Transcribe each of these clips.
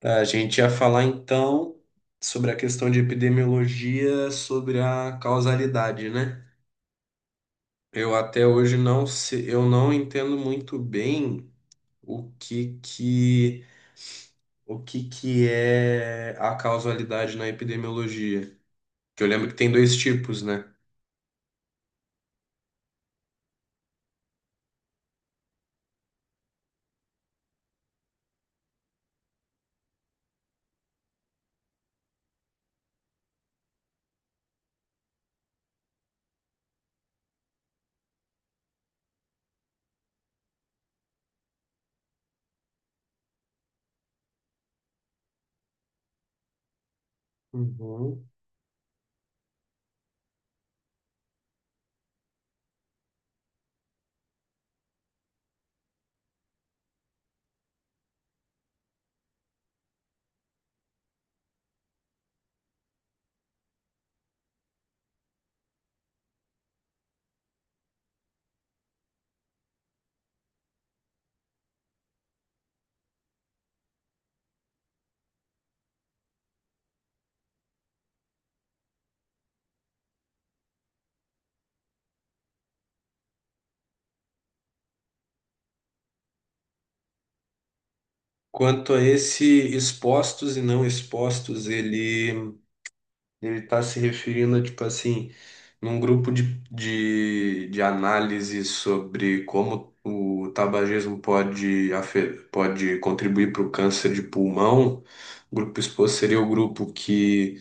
Tá, a gente ia falar então sobre a questão de epidemiologia, sobre a causalidade, né? Eu até hoje não sei, eu não entendo muito bem o que que o que que é a causalidade na epidemiologia. Que eu lembro que tem dois tipos, né? Uhum. Quanto a esse expostos e não expostos, ele está se referindo, tipo assim, num grupo de análise sobre como o tabagismo pode, pode contribuir para o câncer de pulmão. O grupo exposto seria o grupo que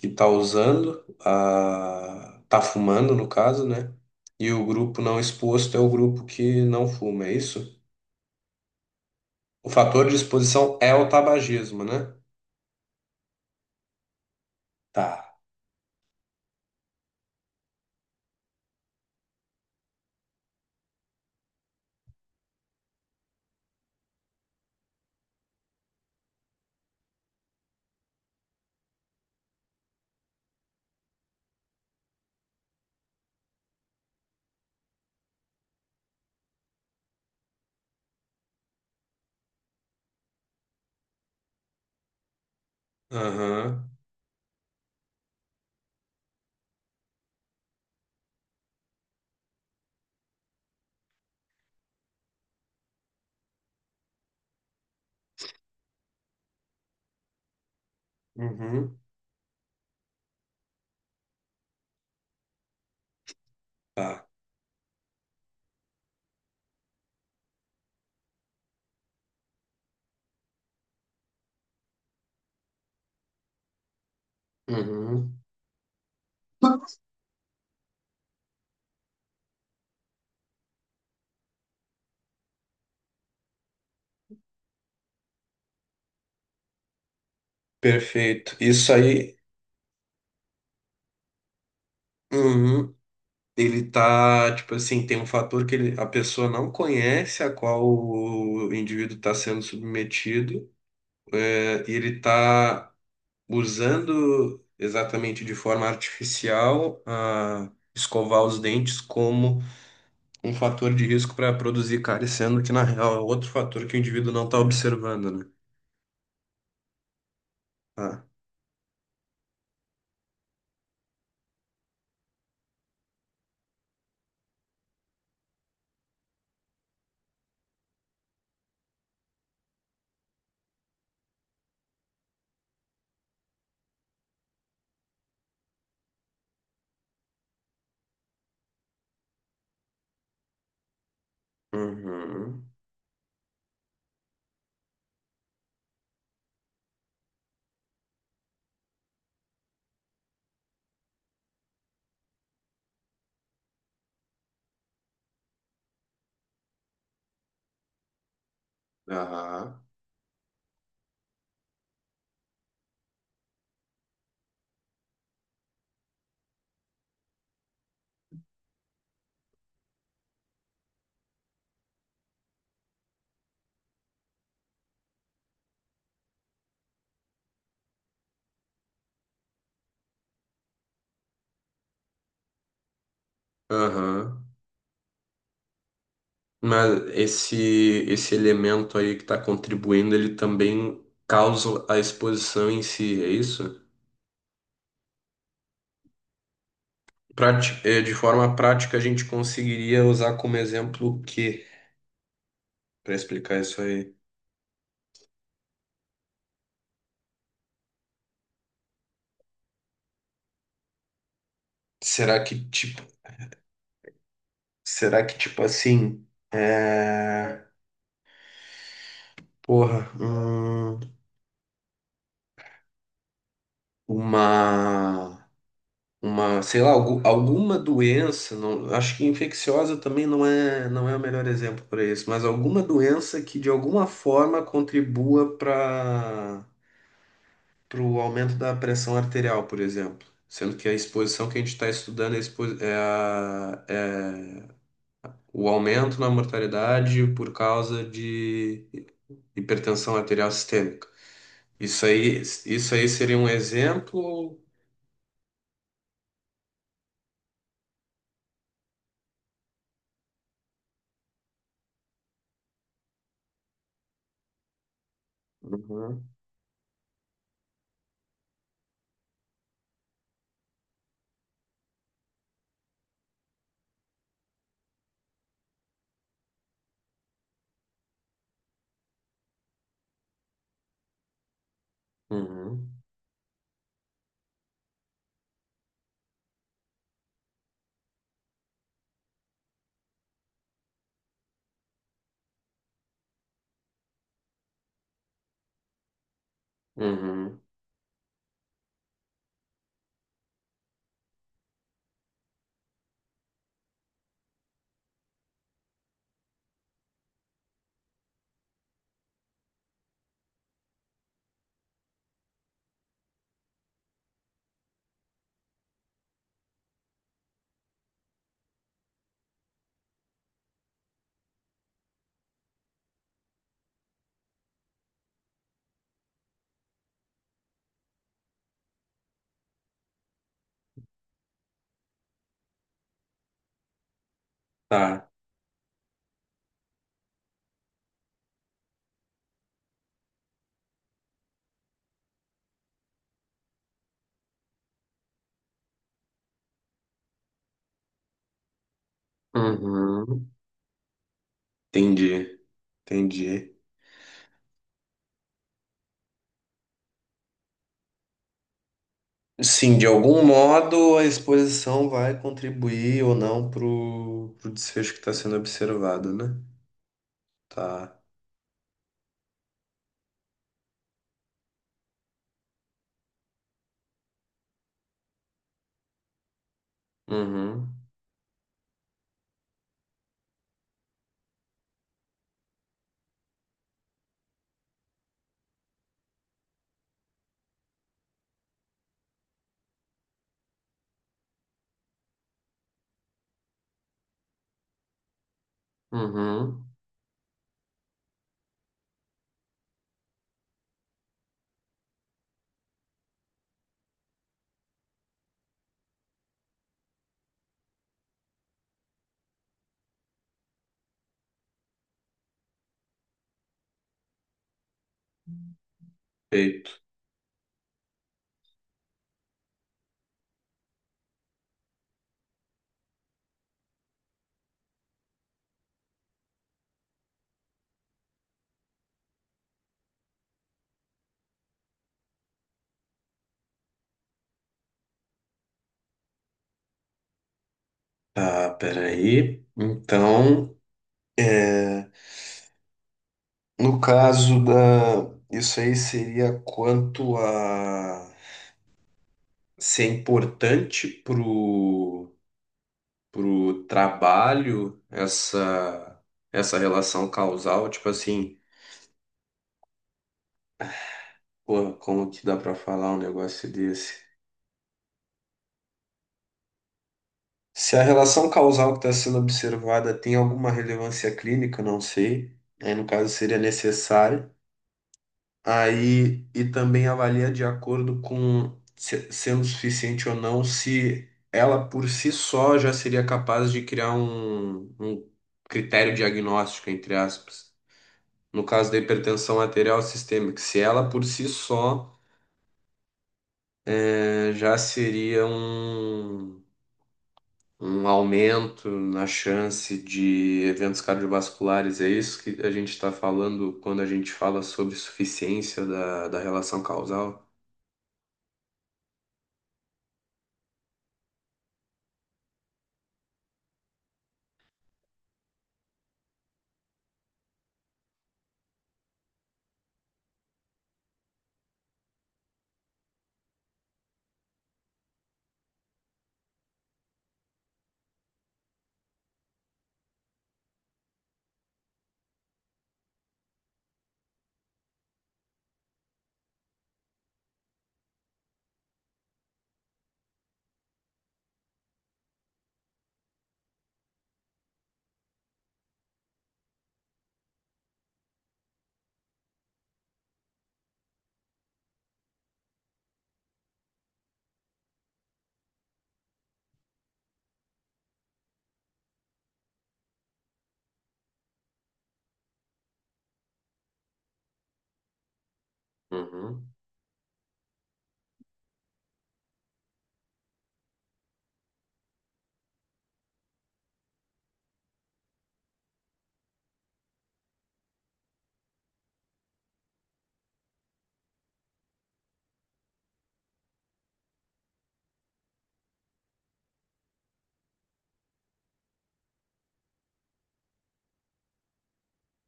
que está usando, a, tá fumando, no caso, né? E o grupo não exposto é o grupo que não fuma, é isso? O fator de exposição é o tabagismo, né? Tá. Aham. Uhum. Tá. Uhum. Perfeito. Isso aí, uhum, ele tá, tipo assim, tem um fator que a pessoa não conhece a qual o indivíduo está sendo submetido, é, e ele tá usando exatamente de forma artificial a escovar os dentes como um fator de risco para produzir cárie, sendo que, na real, é outro fator que o indivíduo não está observando, né? Ah. Uhum. Aham. Aham. Mas esse elemento aí que está contribuindo, ele também causa a exposição em si, é isso? De forma prática, a gente conseguiria usar como exemplo o quê para explicar isso aí? Será que tipo, Será que tipo assim, é... porra, uma uma sei lá, alguma doença, não, acho que infecciosa também não é, não é o melhor exemplo para isso, mas alguma doença que de alguma forma contribua para o aumento da pressão arterial, por exemplo. Sendo que a exposição que a gente está estudando é, a expo- é a- é o aumento na mortalidade por causa de hipertensão arterial sistêmica. Isso aí seria um exemplo. Uhum, uhum, uhum. Tá. Uhum. Entendi, Entendi. Sim, de algum modo a exposição vai contribuir ou não pro, pro desfecho que está sendo observado, né? Tá. Uhum, uhum. Feito. Tá, peraí. Então, é, no caso da. Isso aí seria quanto a ser importante pro, pro trabalho essa relação causal, tipo assim. Porra, como que dá pra falar um negócio desse? Se a relação causal que está sendo observada tem alguma relevância clínica, não sei. Aí, no caso, seria necessário. Aí, e também avalia de acordo com sendo suficiente ou não, se ela por si só já seria capaz de criar um critério diagnóstico, entre aspas. No caso da hipertensão arterial sistêmica, se ela por si só já seria um aumento na chance de eventos cardiovasculares. É isso que a gente está falando quando a gente fala sobre suficiência da, da relação causal? Uhum.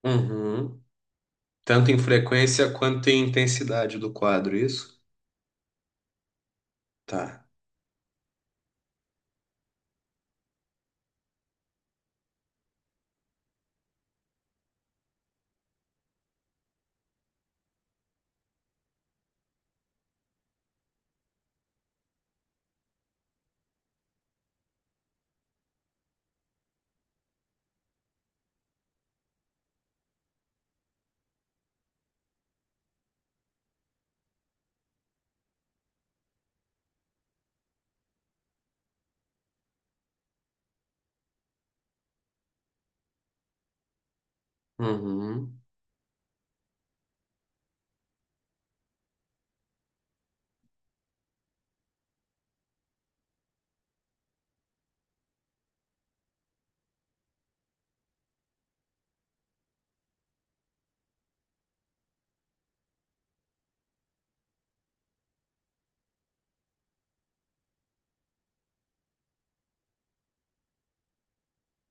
Uhum. Tanto em frequência quanto em intensidade do quadro, isso? Tá. Uhum.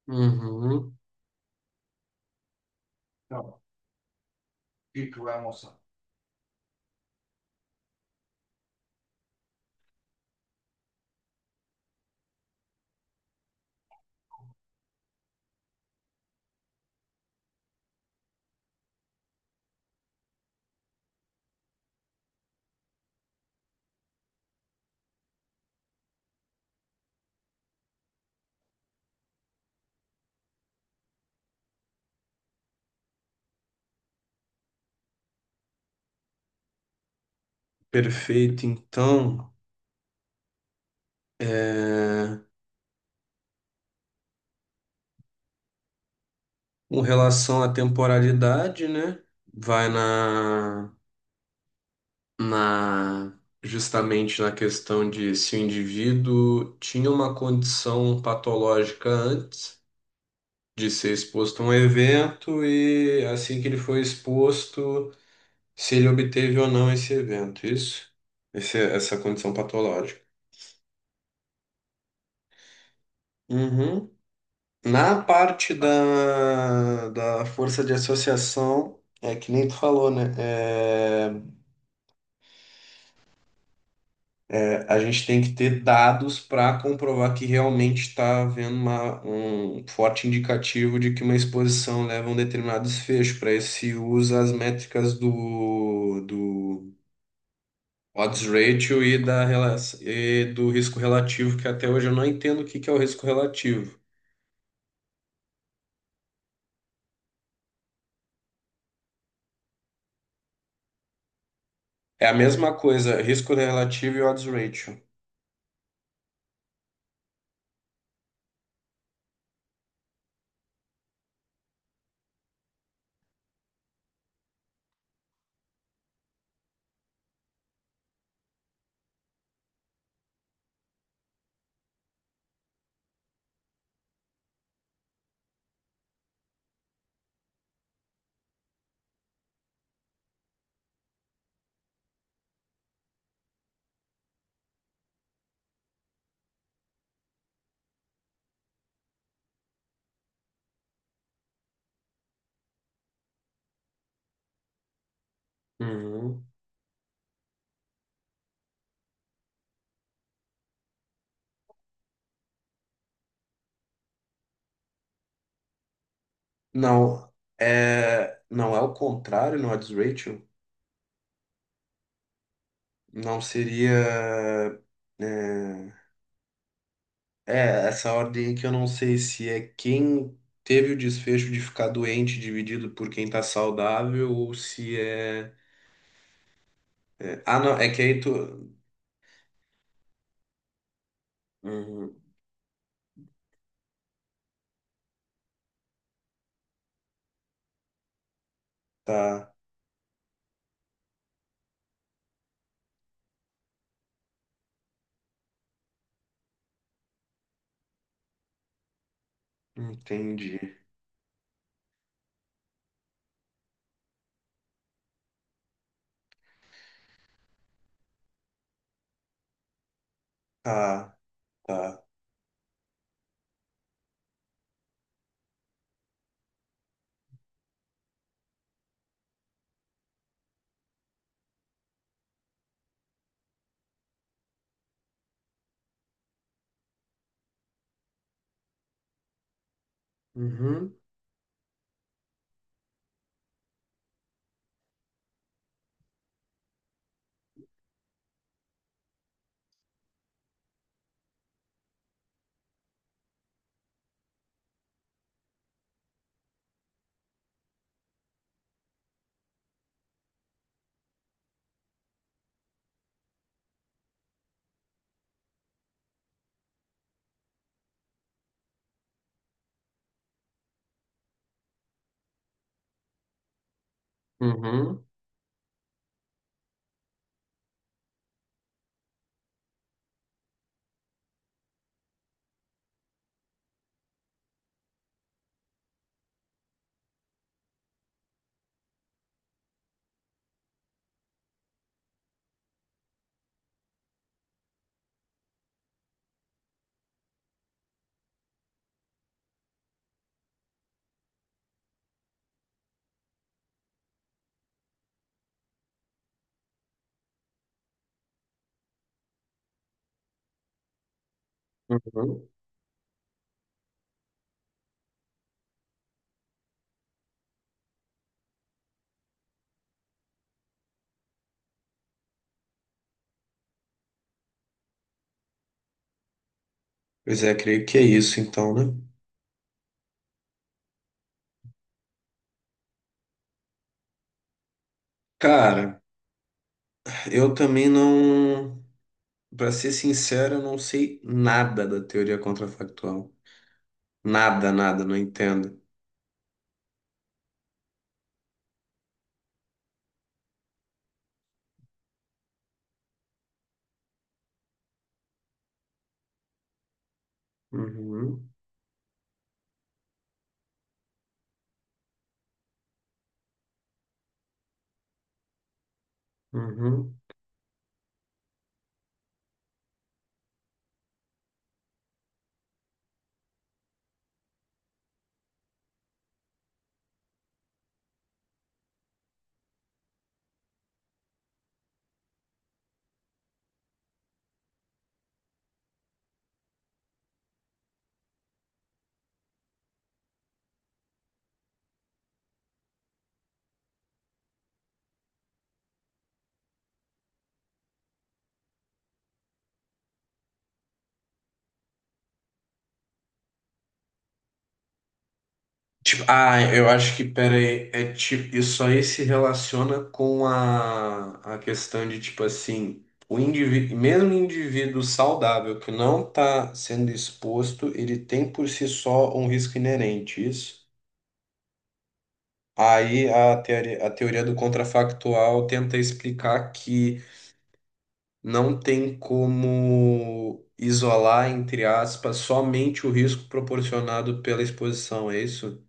Uhum. Perfeito. Então, é... com relação à temporalidade, né? Vai na justamente na questão de se o indivíduo tinha uma condição patológica antes de ser exposto a um evento e assim que ele foi exposto, se ele obteve ou não esse evento, isso? Essa condição patológica. Uhum. Na parte da, da força de associação, é que nem tu falou, né? É, a gente tem que ter dados para comprovar que realmente está havendo um forte indicativo de que uma exposição leva a um determinado desfecho. Para isso se usa as métricas do, do odds ratio e, da, e do risco relativo, que até hoje eu não entendo o que que é o risco relativo. É a mesma coisa, risco relativo e odds ratio. Uhum. Não, é, não é o contrário no odds ratio? Não seria. é, É, essa ordem que eu não sei se é quem teve o desfecho de ficar doente dividido por quem tá saudável ou se é. Ah, não, é que aí tu. Uhum, tá, entendi. Tá, tá. Uhum, uhum, uhum. Pois é, creio que é isso então, né? Cara, eu também não. Pra ser sincero, eu não sei nada da teoria contrafactual. Nada, nada, não entendo. Uhum, uhum. Tipo, ah, eu acho que, pera aí, é tipo, isso aí se relaciona com a questão de, tipo assim, o indivíduo, mesmo o indivíduo saudável que não está sendo exposto, ele tem por si só um risco inerente, isso? Aí a teoria do contrafactual tenta explicar que não tem como isolar, entre aspas, somente o risco proporcionado pela exposição, é isso?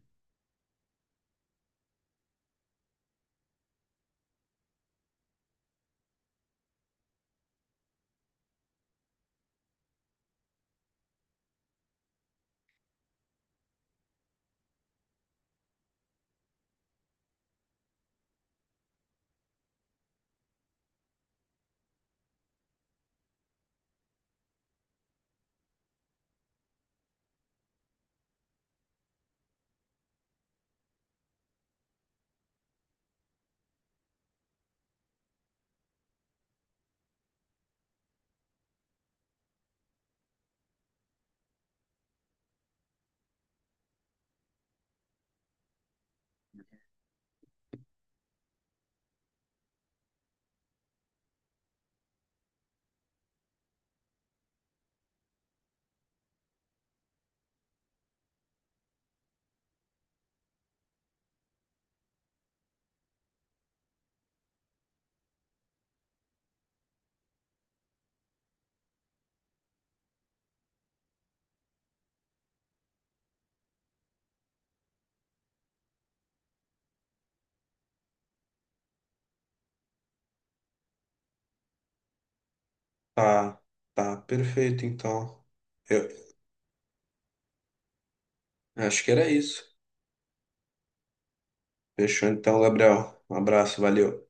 Tá, tá, perfeito, então. Eu acho que era isso. Fechou então, Gabriel. Um abraço, valeu.